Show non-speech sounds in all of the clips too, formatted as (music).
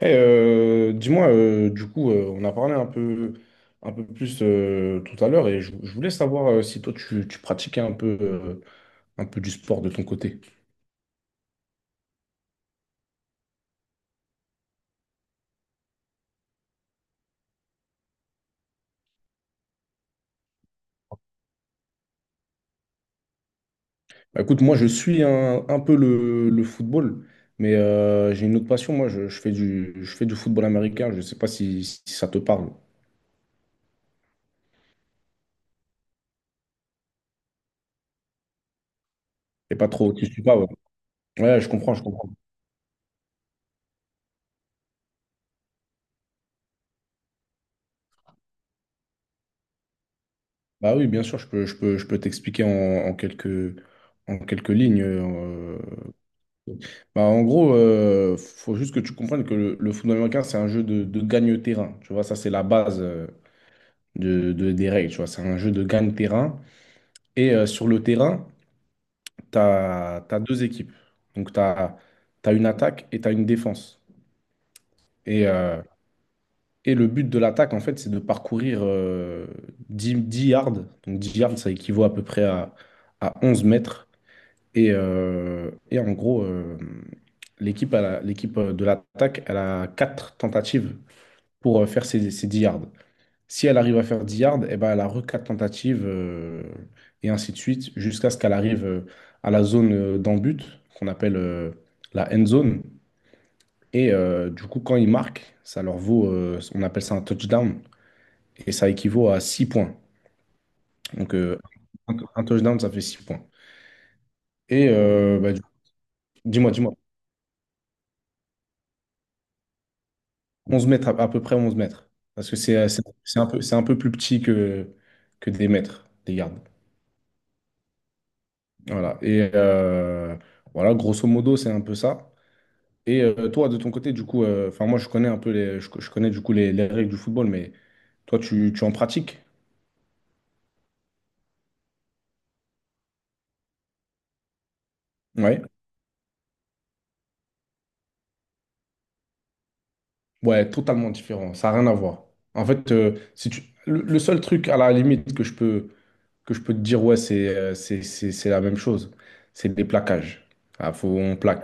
Hey, dis-moi, du coup, on a parlé un peu plus tout à l'heure et je voulais savoir si toi tu pratiquais un peu du sport de ton côté. Bah, écoute, moi je suis un peu le football, mais j'ai une autre passion. Moi, je fais du football américain. Je ne sais pas si ça te parle. Et pas trop, tu suis pas. Ouais, ouais, je comprends, je comprends. Bah oui, bien sûr, je peux t'expliquer en quelques lignes. Bah, en gros, faut juste que tu comprennes que le football américain, c'est un jeu de gagne-terrain. Tu vois, ça, c'est la base des règles. Tu vois, c'est un jeu de gagne-terrain. Et sur le terrain, tu as deux équipes. Donc, tu as une attaque et tu as une défense. Et, euh, et le but de l'attaque, en fait, c'est de parcourir 10 yards. Donc, 10 yards, ça équivaut à peu près à 11 mètres. Et en gros, l'équipe de l'attaque, elle a quatre tentatives pour faire ses 10 yards. Si elle arrive à faire 10 yards, eh ben, elle a re quatre tentatives et ainsi de suite jusqu'à ce qu'elle arrive à la zone d'en-but qu'on appelle la end zone. Et du coup, quand ils marquent, ça leur vaut, on appelle ça un touchdown et ça équivaut à 6 points. Donc, un touchdown, ça fait 6 points. Et bah, dis-moi, dis-moi. 11 mètres, à peu près 11 mètres. Parce que c'est un peu plus petit que des mètres, des gardes. Voilà. Et voilà, grosso modo, c'est un peu ça. Et toi, de ton côté, du coup, enfin, moi, je connais un peu je connais du coup les règles du football, mais toi, tu en pratiques? Ouais. Ouais, totalement différent. Ça n'a rien à voir. En fait, si tu, le seul truc à la limite que je peux te dire, ouais, c'est la même chose, c'est les plaquages. Ah, on plaque.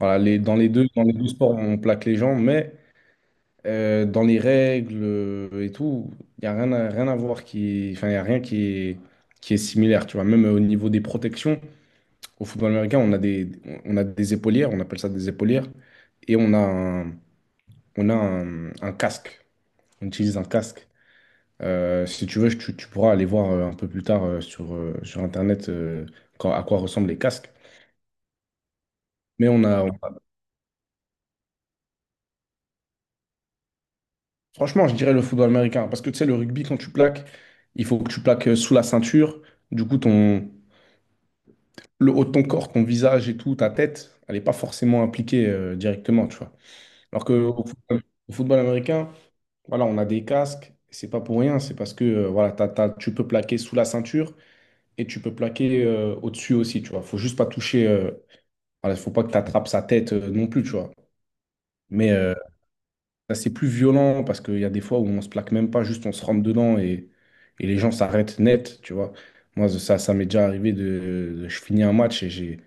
Voilà, les, dans les deux sports, on plaque les gens, mais dans les règles et tout, il n'y a rien à voir qui, enfin, y a rien qui est similaire, tu vois. Même au niveau des protections, au football américain, on a des épaulières, on appelle ça des épaulières, et un casque. On utilise un casque. Si tu veux, tu pourras aller voir un peu plus tard sur Internet à quoi ressemblent les casques. Mais on a. Franchement, je dirais le football américain. Parce que tu sais, le rugby, quand tu plaques, il faut que tu plaques sous la ceinture. Du coup, le haut de ton corps, ton visage et tout, ta tête, elle n'est pas forcément impliquée directement, tu vois. Alors que au football américain, voilà, on a des casques. C'est pas pour rien. C'est parce que voilà, tu peux plaquer sous la ceinture et tu peux plaquer au-dessus aussi, tu vois. Faut juste pas toucher. Voilà, faut pas que tu attrapes sa tête non plus, tu vois. Mais assez plus violent parce qu'il y a des fois où on se plaque même pas, juste on se rentre dedans et les gens s'arrêtent net, tu vois. Moi, ça m'est déjà arrivé je finis un match et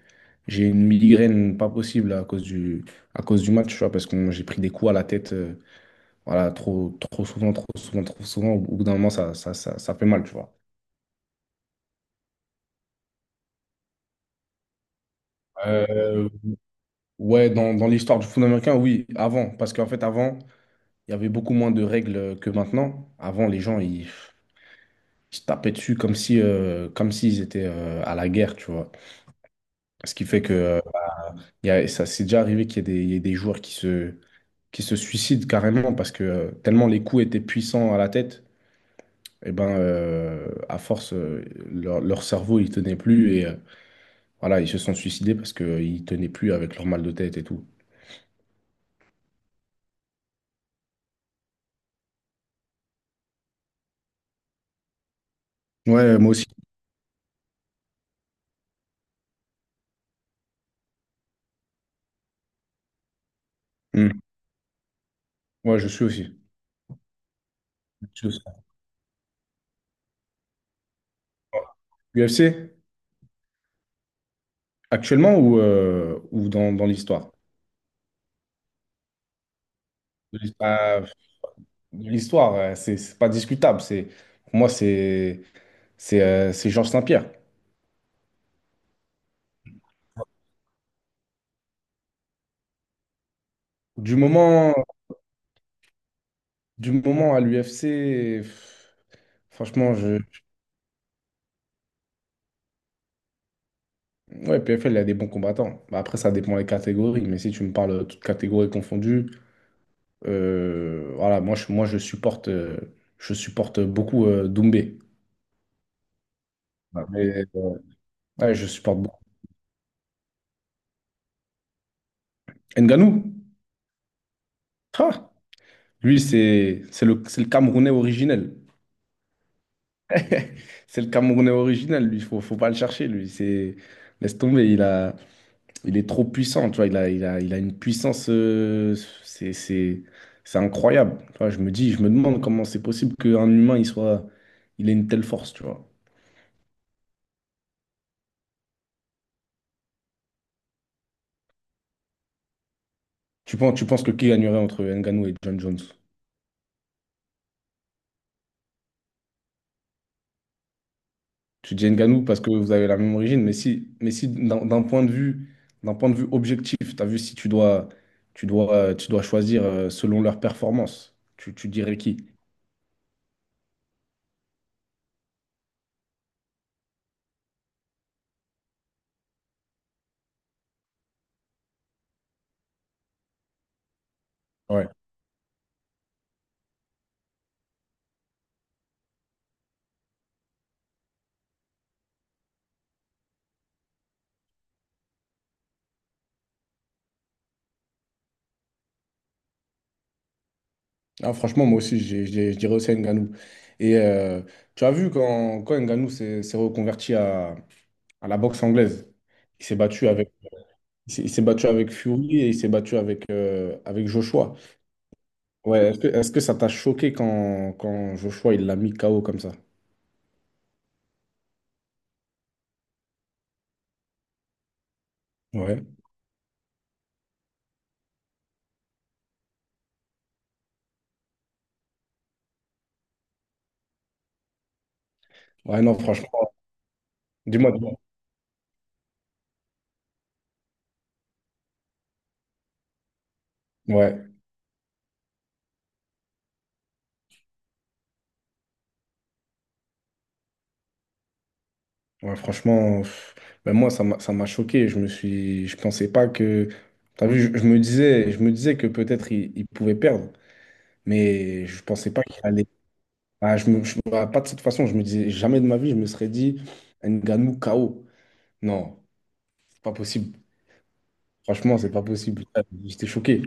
j'ai une migraine pas possible à cause du match, tu vois, parce que j'ai pris des coups à la tête, voilà, trop, trop souvent, trop souvent, trop souvent. Au bout d'un moment, ça fait mal, tu vois. Euh, ouais, dans l'histoire du foot américain, oui, avant, parce qu'en fait, avant, il y avait beaucoup moins de règles que maintenant. Avant, les gens, ils, se tapaient dessus comme si, comme s'ils étaient à la guerre, tu vois. Ce qui fait que ça s'est déjà arrivé qu'il y ait il y ait des joueurs qui se suicident carrément parce que tellement les coups étaient puissants à la tête, et ben, à force, leur cerveau, il tenait plus et voilà, ils se sont suicidés parce qu'ils tenaient plus avec leur mal de tête et tout. Ouais, moi aussi. Mm. Ouais, je suis aussi. Je suis aussi. UFC, actuellement ou dans l'histoire? L'histoire, c'est pas discutable. Pour moi, c'est Georges Saint-Pierre. Du moment, du moment à l'UFC, franchement, ouais, PFL, il y a des bons combattants. Bah, après, ça dépend des catégories. Mais si tu me parles de toutes catégories confondues, voilà, moi, je supporte beaucoup Doumbé. Ouais. Mais, ouais, je supporte beaucoup. Ngannou, ah, lui, c'est le Camerounais originel. (laughs) C'est le Camerounais original, lui. Faut pas le chercher, lui. C'est... Laisse tomber, il a... il est trop puissant, tu vois. Il a une puissance. C'est, c'est, c'est incroyable. Tu vois, je me demande comment c'est possible qu'un humain, il soit. Il ait une telle force, tu vois. Tu penses que qui gagnerait entre Ngannou et John Jones? Tu dis Ngannou parce que vous avez la même origine, mais si d'un point de vue objectif, tu as vu si tu dois, tu dois choisir selon leur performance, tu dirais qui? Ouais. Ah, franchement, moi aussi, je dirais aussi Ngannou. Et tu as vu quand Ngannou s'est reconverti à la boxe anglaise, il s'est battu avec, il s'est battu avec Fury et il s'est battu avec Joshua. Ouais, est-ce que ça t'a choqué quand Joshua il l'a mis KO comme ça? Ouais. Ouais, non, franchement, dis-moi, dis-moi. Ouais, ouais, franchement, ben moi, ça m'a choqué. Je pensais pas que. T'as vu, je me disais que peut-être il pouvait perdre, mais je pensais pas qu'il allait. Ah, bah, pas de cette façon, je me disais jamais de ma vie, je me serais dit Ngannou KO. Non, c'est pas possible. Franchement, c'est pas possible. Ah, j'étais choqué.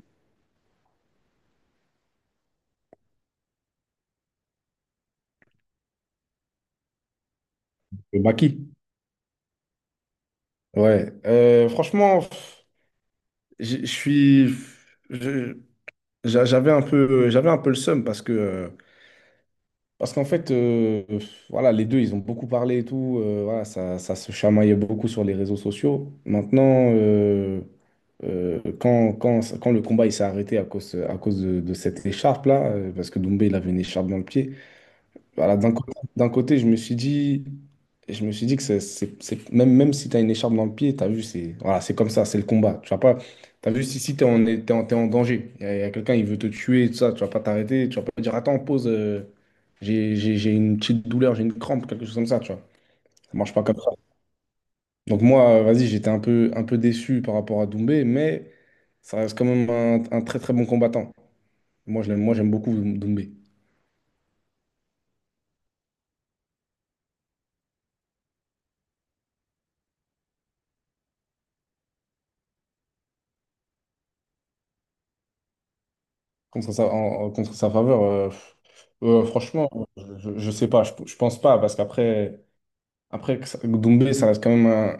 Le Baki. Ouais. Franchement, pff, je suis. Je- j'a- J'avais un peu le seum parce que parce qu'en fait, voilà, les deux, ils ont beaucoup parlé et tout. Voilà, ça se chamaillait beaucoup sur les réseaux sociaux. Maintenant, quand le combat il s'est arrêté à cause de cette écharpe-là, parce que Doumbé, il avait une écharpe dans le pied, voilà, d'un côté, je me suis dit que même si tu as une écharpe dans le pied, tu as vu, c'est voilà, c'est comme ça, c'est le combat. Tu vas pas, tu as vu, si t'es en danger, y a quelqu'un, il veut te tuer, tout ça, tu vas pas t'arrêter, tu vas pas dire, attends, pause, j'ai une petite douleur, j'ai une crampe, quelque chose comme ça, tu vois. Ça marche pas comme ça. Donc moi, vas-y, un peu déçu par rapport à Doumbé, mais ça reste quand même un très très bon combattant. Moi, je l'aime, moi, j'aime beaucoup Doumbé. Contre sa contre sa faveur, franchement, je ne sais pas, je pense pas, parce qu'après après que Doumbé, ça reste quand même un,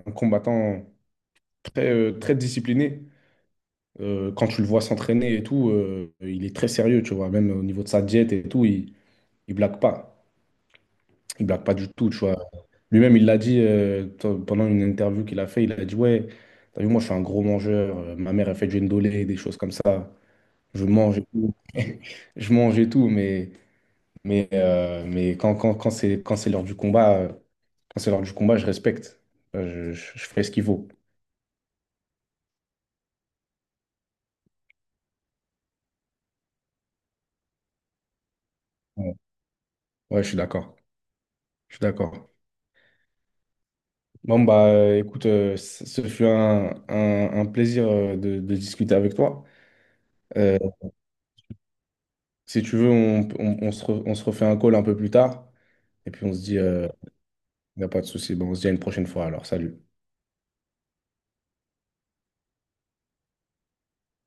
un- un combattant très, très discipliné. Quand tu le vois s'entraîner et tout, il est très sérieux, tu vois, même au niveau de sa diète et tout, il blague pas. Il blague pas du tout, tu vois. Lui-même, il l'a dit pendant une interview qu'il a fait, il a dit, ouais, t'as vu, moi, je suis un gros mangeur, ma mère, elle fait du ndolé, des choses comme ça, je mange et tout. (laughs) Je mange et tout, mais... mais quand c'est l'heure du combat, je respecte. Je fais ce qu'il faut. Ouais, ouais, je suis d'accord. Je suis d'accord. Bon, bah, écoute, ce fut un plaisir de discuter avec toi. Euh, Si tu veux, on se refait un call un peu plus tard. Et puis, on se dit, il n'y a pas de souci. Bon, on se dit à une prochaine fois. Alors, salut.